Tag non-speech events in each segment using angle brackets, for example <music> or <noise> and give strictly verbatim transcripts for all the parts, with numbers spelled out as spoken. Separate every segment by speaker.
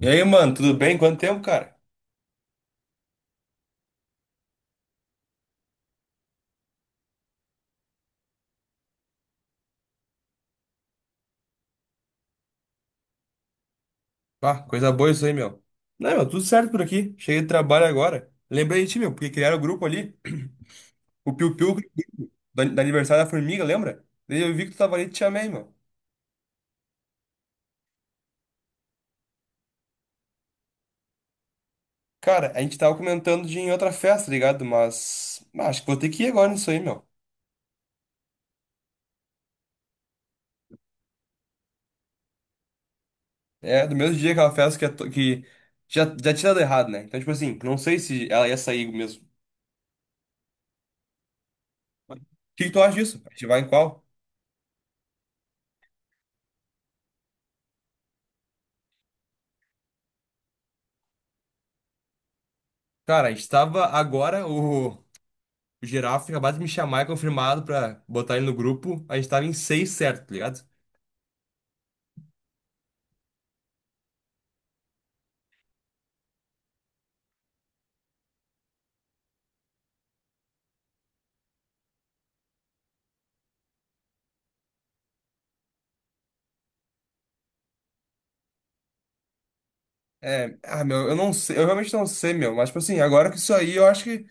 Speaker 1: E aí, mano, tudo bem? Quanto tempo, cara? Ah, coisa boa isso aí, meu. Não, meu, tudo certo por aqui. Cheguei do trabalho agora. Lembrei de ti, meu, porque criaram o grupo ali, o Piu Piu, do, do aniversário da formiga, lembra? Daí eu vi que tu tava ali e te chamei, meu. Cara, a gente tava comentando de ir em outra festa, tá ligado? Mas, ah, acho que vou ter que ir agora nisso aí, meu. É, do mesmo dia aquela festa que, a to- que já, já tinha dado errado, né? Então, tipo assim, não sei se ela ia sair mesmo. O que que tu acha disso? A gente vai em qual? Cara, a gente tava agora, o. O Girafa tinha acabado de me chamar e confirmado pra botar ele no grupo. A gente tava em seis certo, tá ligado? É, ah, meu, eu não sei, eu realmente não sei, meu. Mas, tipo assim, agora que isso aí, eu acho que.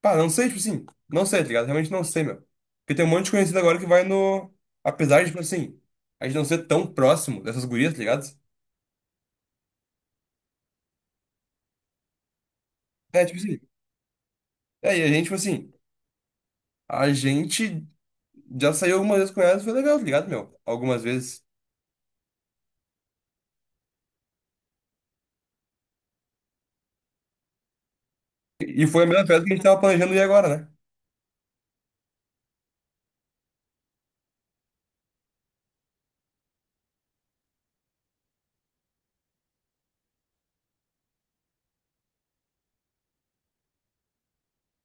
Speaker 1: Pá, não sei, tipo assim, não sei, tá ligado? Realmente não sei, meu. Porque tem um monte de conhecido agora que vai no. Apesar de, tipo assim, a gente não ser tão próximo dessas gurias, tá ligado? É, tipo assim. É, e a gente, tipo assim, a gente já saiu algumas vezes com elas, foi legal, tá ligado, meu? Algumas vezes. E foi a mesma festa que a gente tava planejando ir agora, né?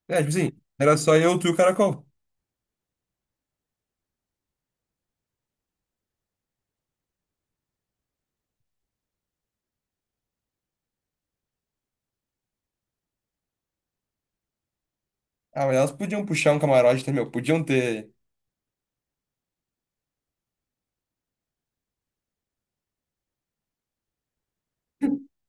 Speaker 1: É, tipo assim, era só eu, tu e o Caracol. Ah, mas elas podiam puxar um camarote, tá, meu? Podiam ter.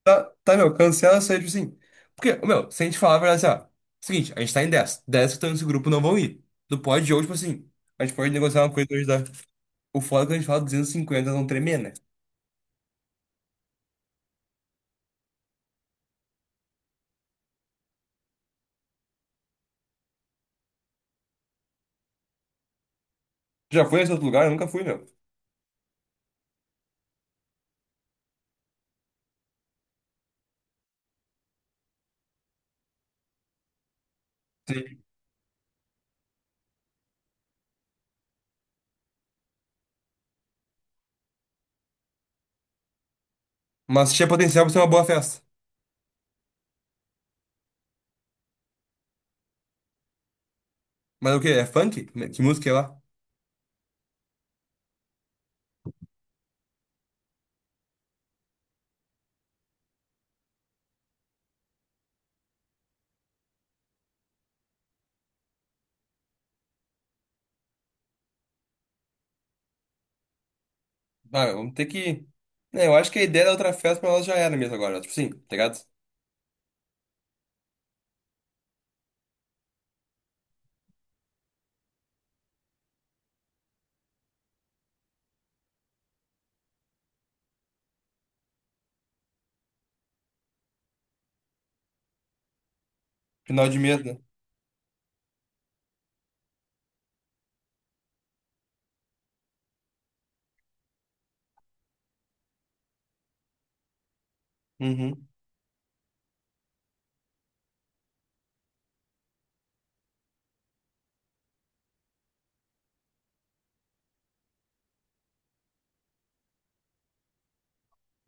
Speaker 1: Tá, tá, meu, cancela isso aí, tipo assim. Porque, meu, se a gente falar a verdade assim, ó. Seguinte, a gente tá em dez. Dez que estão nesse grupo não vão ir. Do pod de hoje, tipo assim. A gente pode negociar uma coisa hoje da. O foda é que a gente fala duzentos e cinquenta não tremer, né? Já foi nesse outro lugar? Eu nunca fui, meu. Sim. Mas tinha potencial pra ser uma boa festa. Mas o quê? É funk? Que música é lá? Ah, meu, vamos ter que. É, eu acho que a ideia da outra festa pra nós já era mesmo agora. Tipo assim, tá ligado? Final de mês, né? Uhum.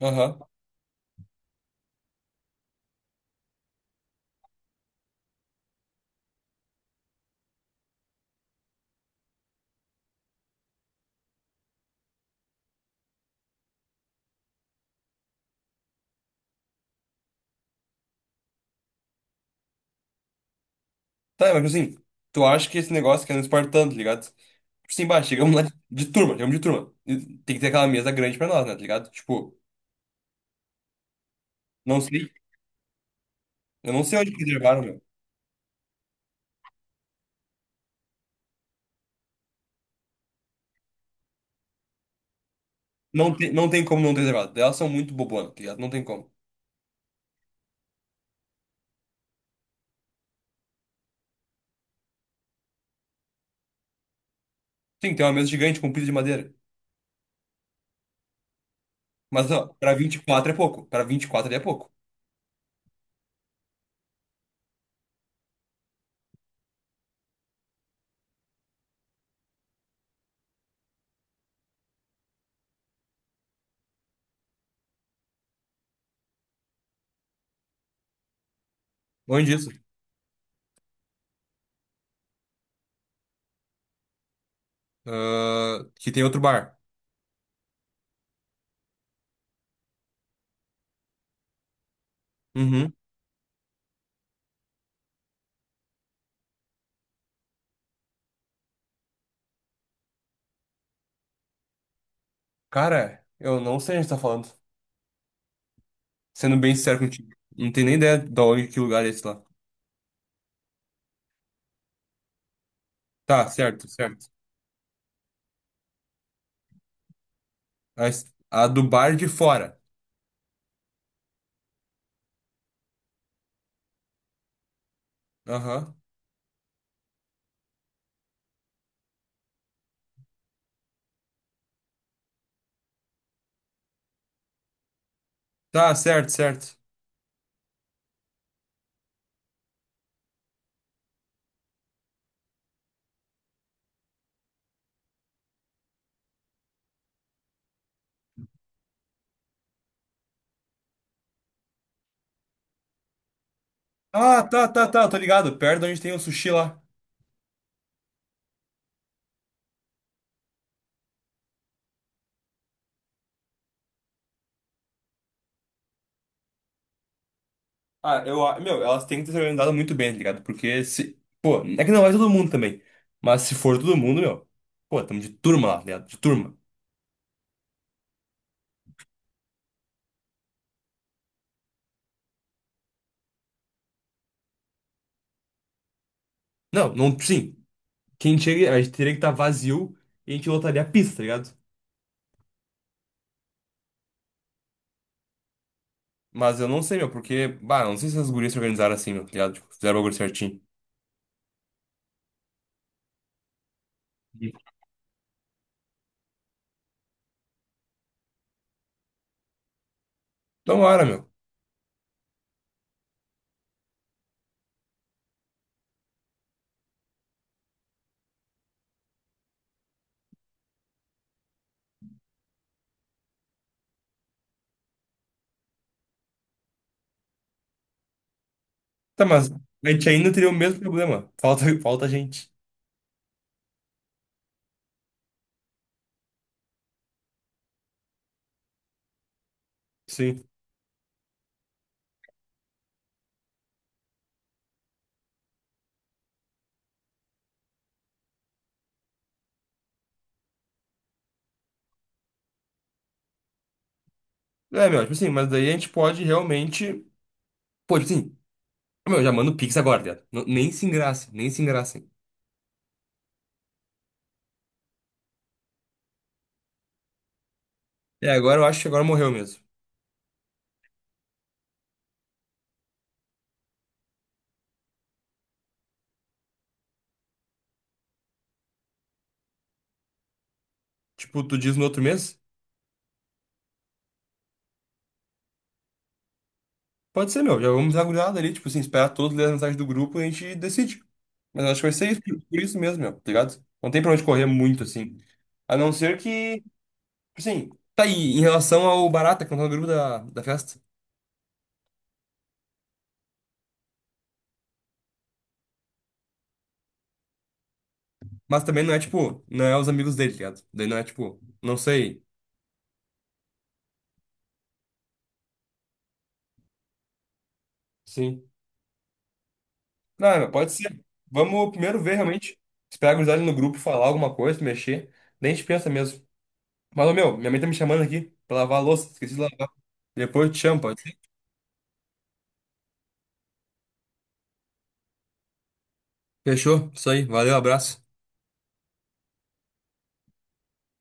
Speaker 1: Aham. Tá, mas tipo assim, tu acha que esse negócio que é no Espartano, tá ligado? Tipo assim, bah, chegamos lá de, de turma, chegamos de turma. E tem que ter aquela mesa grande pra nós, né, tá ligado? Tipo, não sei, eu não sei onde que reservaram, meu. Não tem, não tem como não ter reservado. Elas são muito bobonas, tá ligado? Não tem como. Sim, tem uma mesa gigante com pilha de madeira. Mas, ó, pra vinte e quatro é pouco. Pra vinte e quatro ali é pouco. Longe disso. Ah, que tem outro bar. Uhum. Cara, eu não sei onde tá falando. Sendo bem sincero contigo. Não tenho nem ideia de onde, que lugar é esse lá. Tá, certo, certo. A, es- a do bar de fora. Aham. Tá, certo, certo. Ah, tá, tá, tá, tô ligado. Perto de onde tem o sushi lá. Ah, eu, a- meu, elas têm que ter se organizado muito bem, tá ligado? Porque se. Pô, é que não é todo mundo também. Mas se for todo mundo, meu. Pô, tamo de turma lá, tá ligado? De turma. Não, não, sim. Quem chega, a gente teria que estar vazio e a gente lotaria a pista, tá ligado? Mas eu não sei, meu, porque. Bah, não sei se as gurias se organizaram assim, meu, tá ligado? Tipo, fizeram o bagulho certinho. Tomara, meu. Tá, mas a gente ainda teria o mesmo problema. Falta, <laughs> falta gente. Sim. É, meu, tipo assim, mas daí a gente pode realmente. Pô, tipo assim, meu, já manda o Pix agora, viado. Não- Nem se engraça, nem se engraçem. É, agora eu acho que agora morreu mesmo. Tipo, tu diz no outro mês? Pode ser, meu. Já vamos dar uma olhada ali, tipo assim, esperar todos lerem a mensagem do grupo e a gente decide. Mas eu acho que vai ser isso, por isso mesmo, meu, tá ligado? Não tem pra onde correr muito, assim. A não ser que, tipo assim, tá aí, em relação ao Barata, que não tá no grupo da, da festa. Mas também não é, tipo, não é os amigos dele, tá ligado? Daí não é, tipo, não sei. Sim. Não, pode ser. Vamos primeiro ver realmente. Esperar a gurizada ali no grupo falar alguma coisa, mexer. Daí a gente pensa mesmo. Mas, ô, meu, minha mãe tá me chamando aqui pra lavar a louça. Esqueci de lavar. Depois eu te chamo, pode ser? Fechou. Isso aí. Valeu, abraço.